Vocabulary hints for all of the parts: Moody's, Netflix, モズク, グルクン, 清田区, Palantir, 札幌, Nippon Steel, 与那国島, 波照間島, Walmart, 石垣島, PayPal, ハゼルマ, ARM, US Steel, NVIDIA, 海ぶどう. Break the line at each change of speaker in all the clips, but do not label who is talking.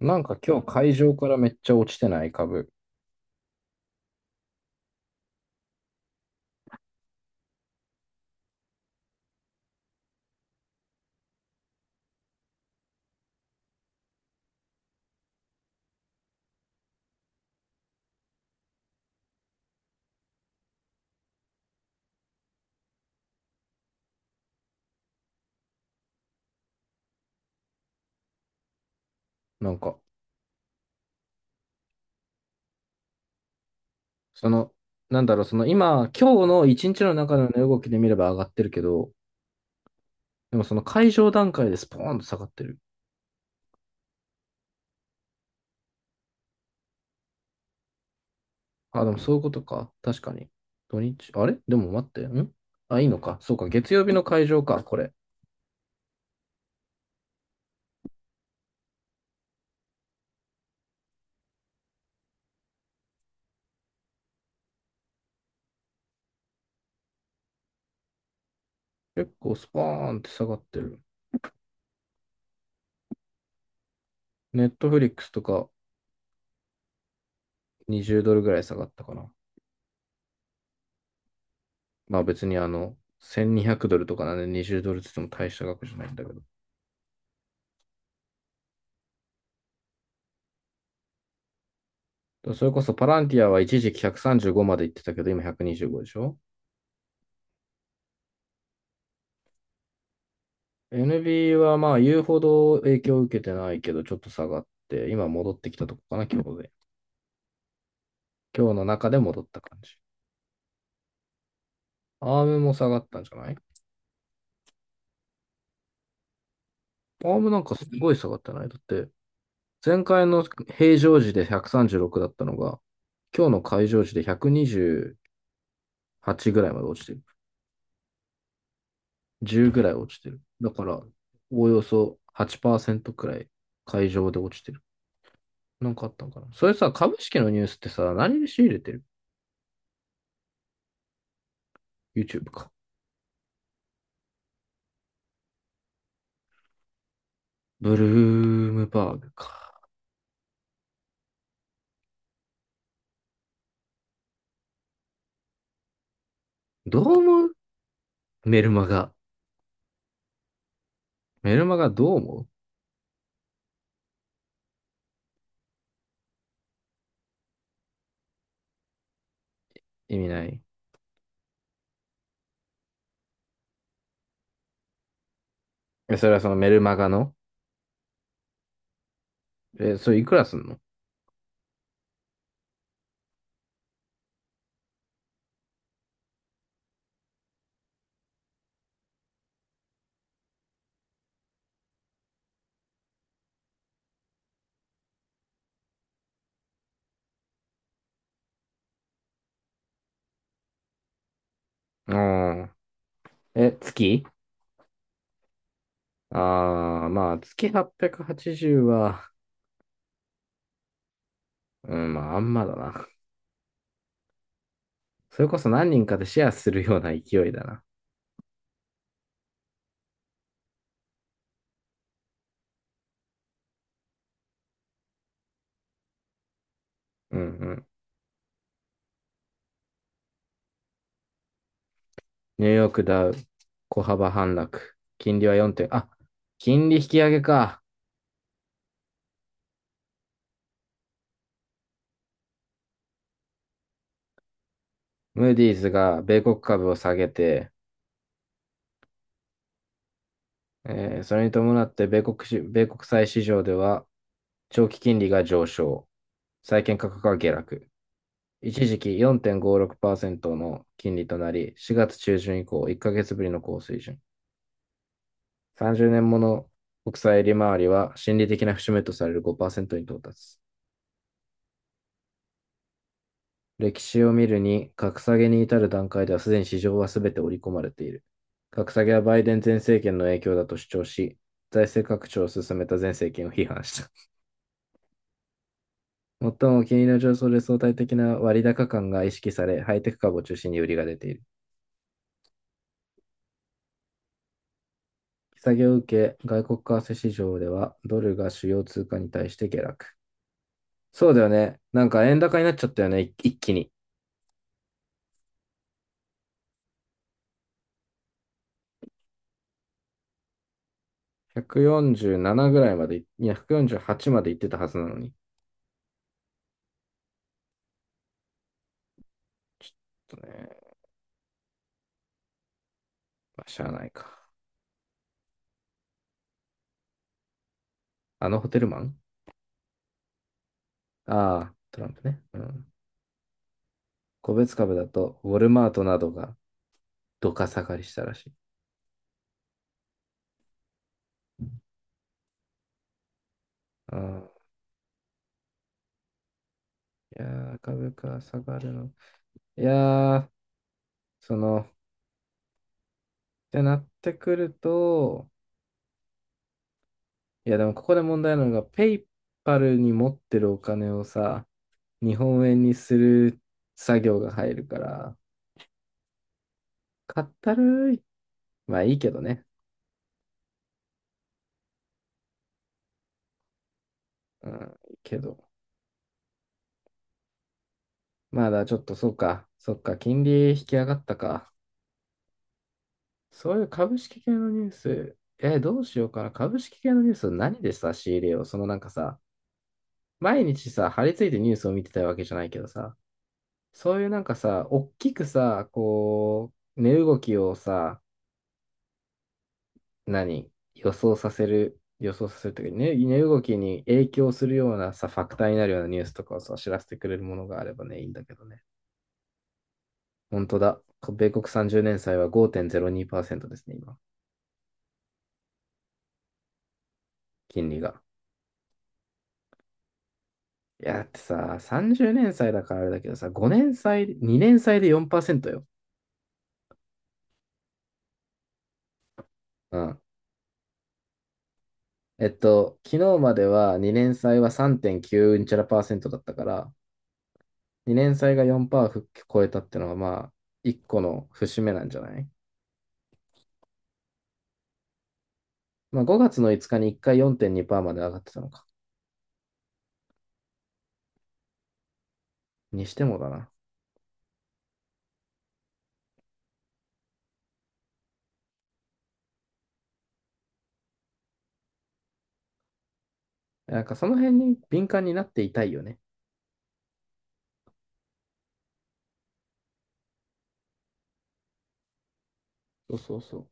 なんか今日会場からめっちゃ落ちてない株。なんか、その、なんだろう、その今日の一日の中の値動きで見れば上がってるけど、でもその会場段階でスポーンと下がってる。あ、でもそういうことか。確かに。土日、あれでも待って、あ、いいのか。そうか、月曜日の会場か、これ。結構スポーンって下がってる。ネットフリックスとか20ドルぐらい下がったかな。まあ別にあの、1200ドルとかなんで20ドルって言っても大した額じゃないんだけど。それこそパランティアは一時期135まで行ってたけど、今125でしょ？ NB はまあ言うほど影響を受けてないけど、ちょっと下がって、今戻ってきたとこかな、今日で。今日の中で戻った感じ。アームも下がったんじゃない？アームなんかすごい下がってない。だって、前回の平常時で136だったのが、今日の会場時で128ぐらいまで落ちてる。10ぐらい落ちてる。だから、おおよそ8%くらい会場で落ちてる。なんかあったんかな。それさ、株式のニュースってさ、何で仕入れてる？ YouTube か。ブルームバーグか。どう思う？メルマガ。メルマガどう思う？意味ない。え、それはそのメルマガの？え、それいくらすんの？うん。え、月？ああー、まあ、月880、はちじゅうは、うん、まあ、あんまだな。それこそ何人かでシェアするような勢いだな。うんうん。ニューヨークダウ、小幅反落。金利は4点、あ、金利引き上げか。ムーディーズが米国株を下げて、それに伴って米国債市場では長期金利が上昇、債券価格が下落。一時期4.56%の金利となり、4月中旬以降1ヶ月ぶりの高水準。30年もの国債利回りは心理的な節目とされる5%に到達。歴史を見るに、格下げに至る段階ではすでに市場はすべて織り込まれている。格下げはバイデン前政権の影響だと主張し、財政拡張を進めた前政権を批判した。最も金利の上昇で相対的な割高感が意識され、ハイテク株を中心に売りが出ている。利下げを受け、外国為替市場ではドルが主要通貨に対して下落。そうだよね。なんか円高になっちゃったよね、一気に。147ぐらいまで、いや、148まで行ってたはずなのに。ちょっとね、まあ、しゃあないか。あのホテルマン？ああー、トランプね。うん。個別株だと、ウォルマートなどがどか下がりしたらしい。ああ、いやー、株価下がるの。いやー、その、ってなってくると、いや、でもここで問題なのが、ペイパルに持ってるお金をさ、日本円にする作業が入るから、かったるい。まあいいけどね。うん、いいけど。まだちょっとそうか、そっか、金利引き上がったか。そういう株式系のニュース、え、どうしようかな。株式系のニュース何でさ、仕入れよう。そのなんかさ、毎日さ、張り付いてニュースを見てたわけじゃないけどさ、そういうなんかさ、おっきくさ、こう、値動きをさ、何予想させる、予想させるというか、ね、値動きに影響するようなさ、ファクターになるようなニュースとかをさ、知らせてくれるものがあればね、いいんだけどね。本当だ。米国30年債は5.02%ですね、今。金利が。いや、だってさ、30年祭だからあれだけどさ、5年祭、2年祭で4%よ。うん。えっと、昨日までは2年祭は3.9ううんちゃらパーセントだったから、2年祭が4%超えたってのは、まあ、1個の節目なんじゃない？まあ、5月の5日に1回4.2%まで上がってたのか。にしてもだな。なんかその辺に敏感になっていたいよね。そうそうそう。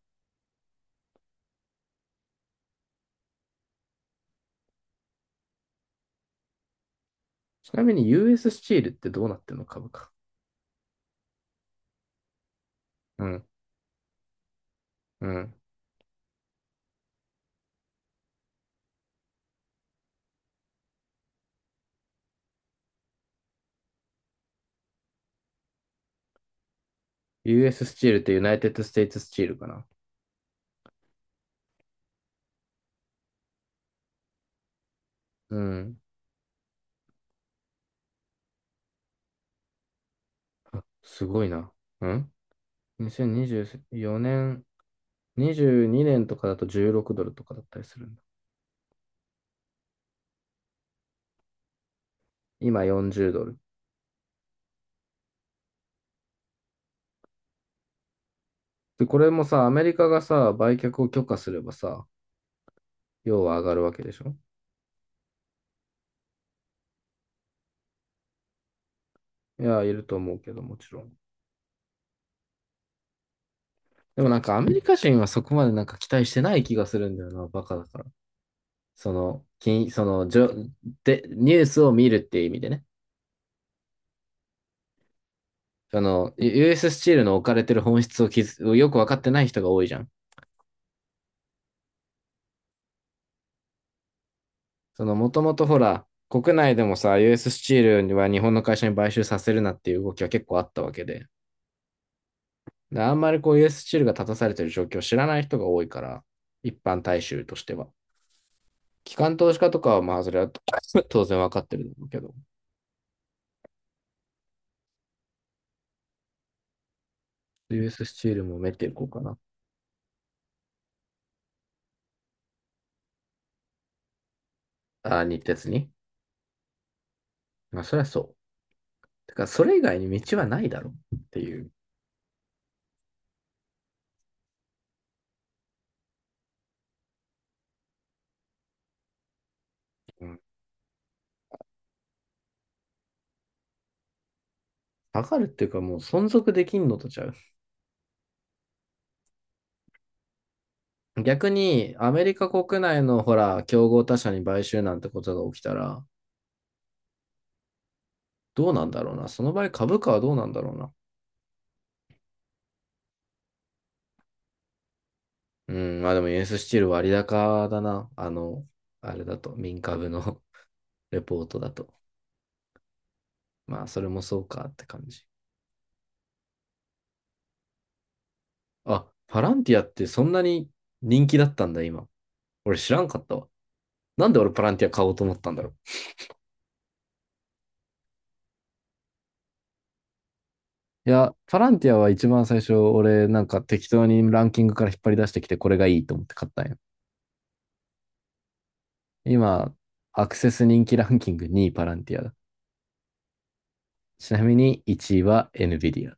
ちなみに US ススチールってどうなってんの？株価。うん、うん。US ススチールってユナイテッドステイツスチールかな。うん。すごいな。ん？ 2024 年、22年とかだと16ドルとかだったりするんだ。今40ドル。で、これもさ、アメリカがさ、売却を許可すればさ、要は上がるわけでしょ？いや、いると思うけど、もちろん。でもなんかアメリカ人はそこまでなんか期待してない気がするんだよな、バカだから。その、金、その、じょ、で、ニュースを見るっていう意味でね。あの、US ススチールの置かれてる本質をきずをよくわかってない人が多いじゃん。その、もともとほら、国内でもさ、US ススチールは日本の会社に買収させるなっていう動きは結構あったわけで、であんまりこう US ススチールが立たされてる状況を知らない人が多いから、一般大衆としては。機関投資家とかはまあ、それは 当然わかってるんだけど、US ススチールも埋めていこうかな。あ、日鉄に。まあ、そりゃそう。てか、それ以外に道はないだろうっていう。うか下がるっていうか、もう存続できんのとちゃう。逆にアメリカ国内のほら、競合他社に買収なんてことが起きたら、どうなんだろうな。その場合株価はどうなんだろうな。うん、まあでもユーススチール割高だな。あの、あれだと、民株の レポートだと。まあそれもそうかって感じ。あ、パランティアってそんなに人気だったんだ今。俺知らんかったわ。なんで俺パランティア買おうと思ったんだろう。いや、パランティアは一番最初、俺なんか適当にランキングから引っ張り出してきて、これがいいと思って買ったんよ。今、アクセス人気ランキング2位パランティアだ。ちなみに1位は NVIDIA。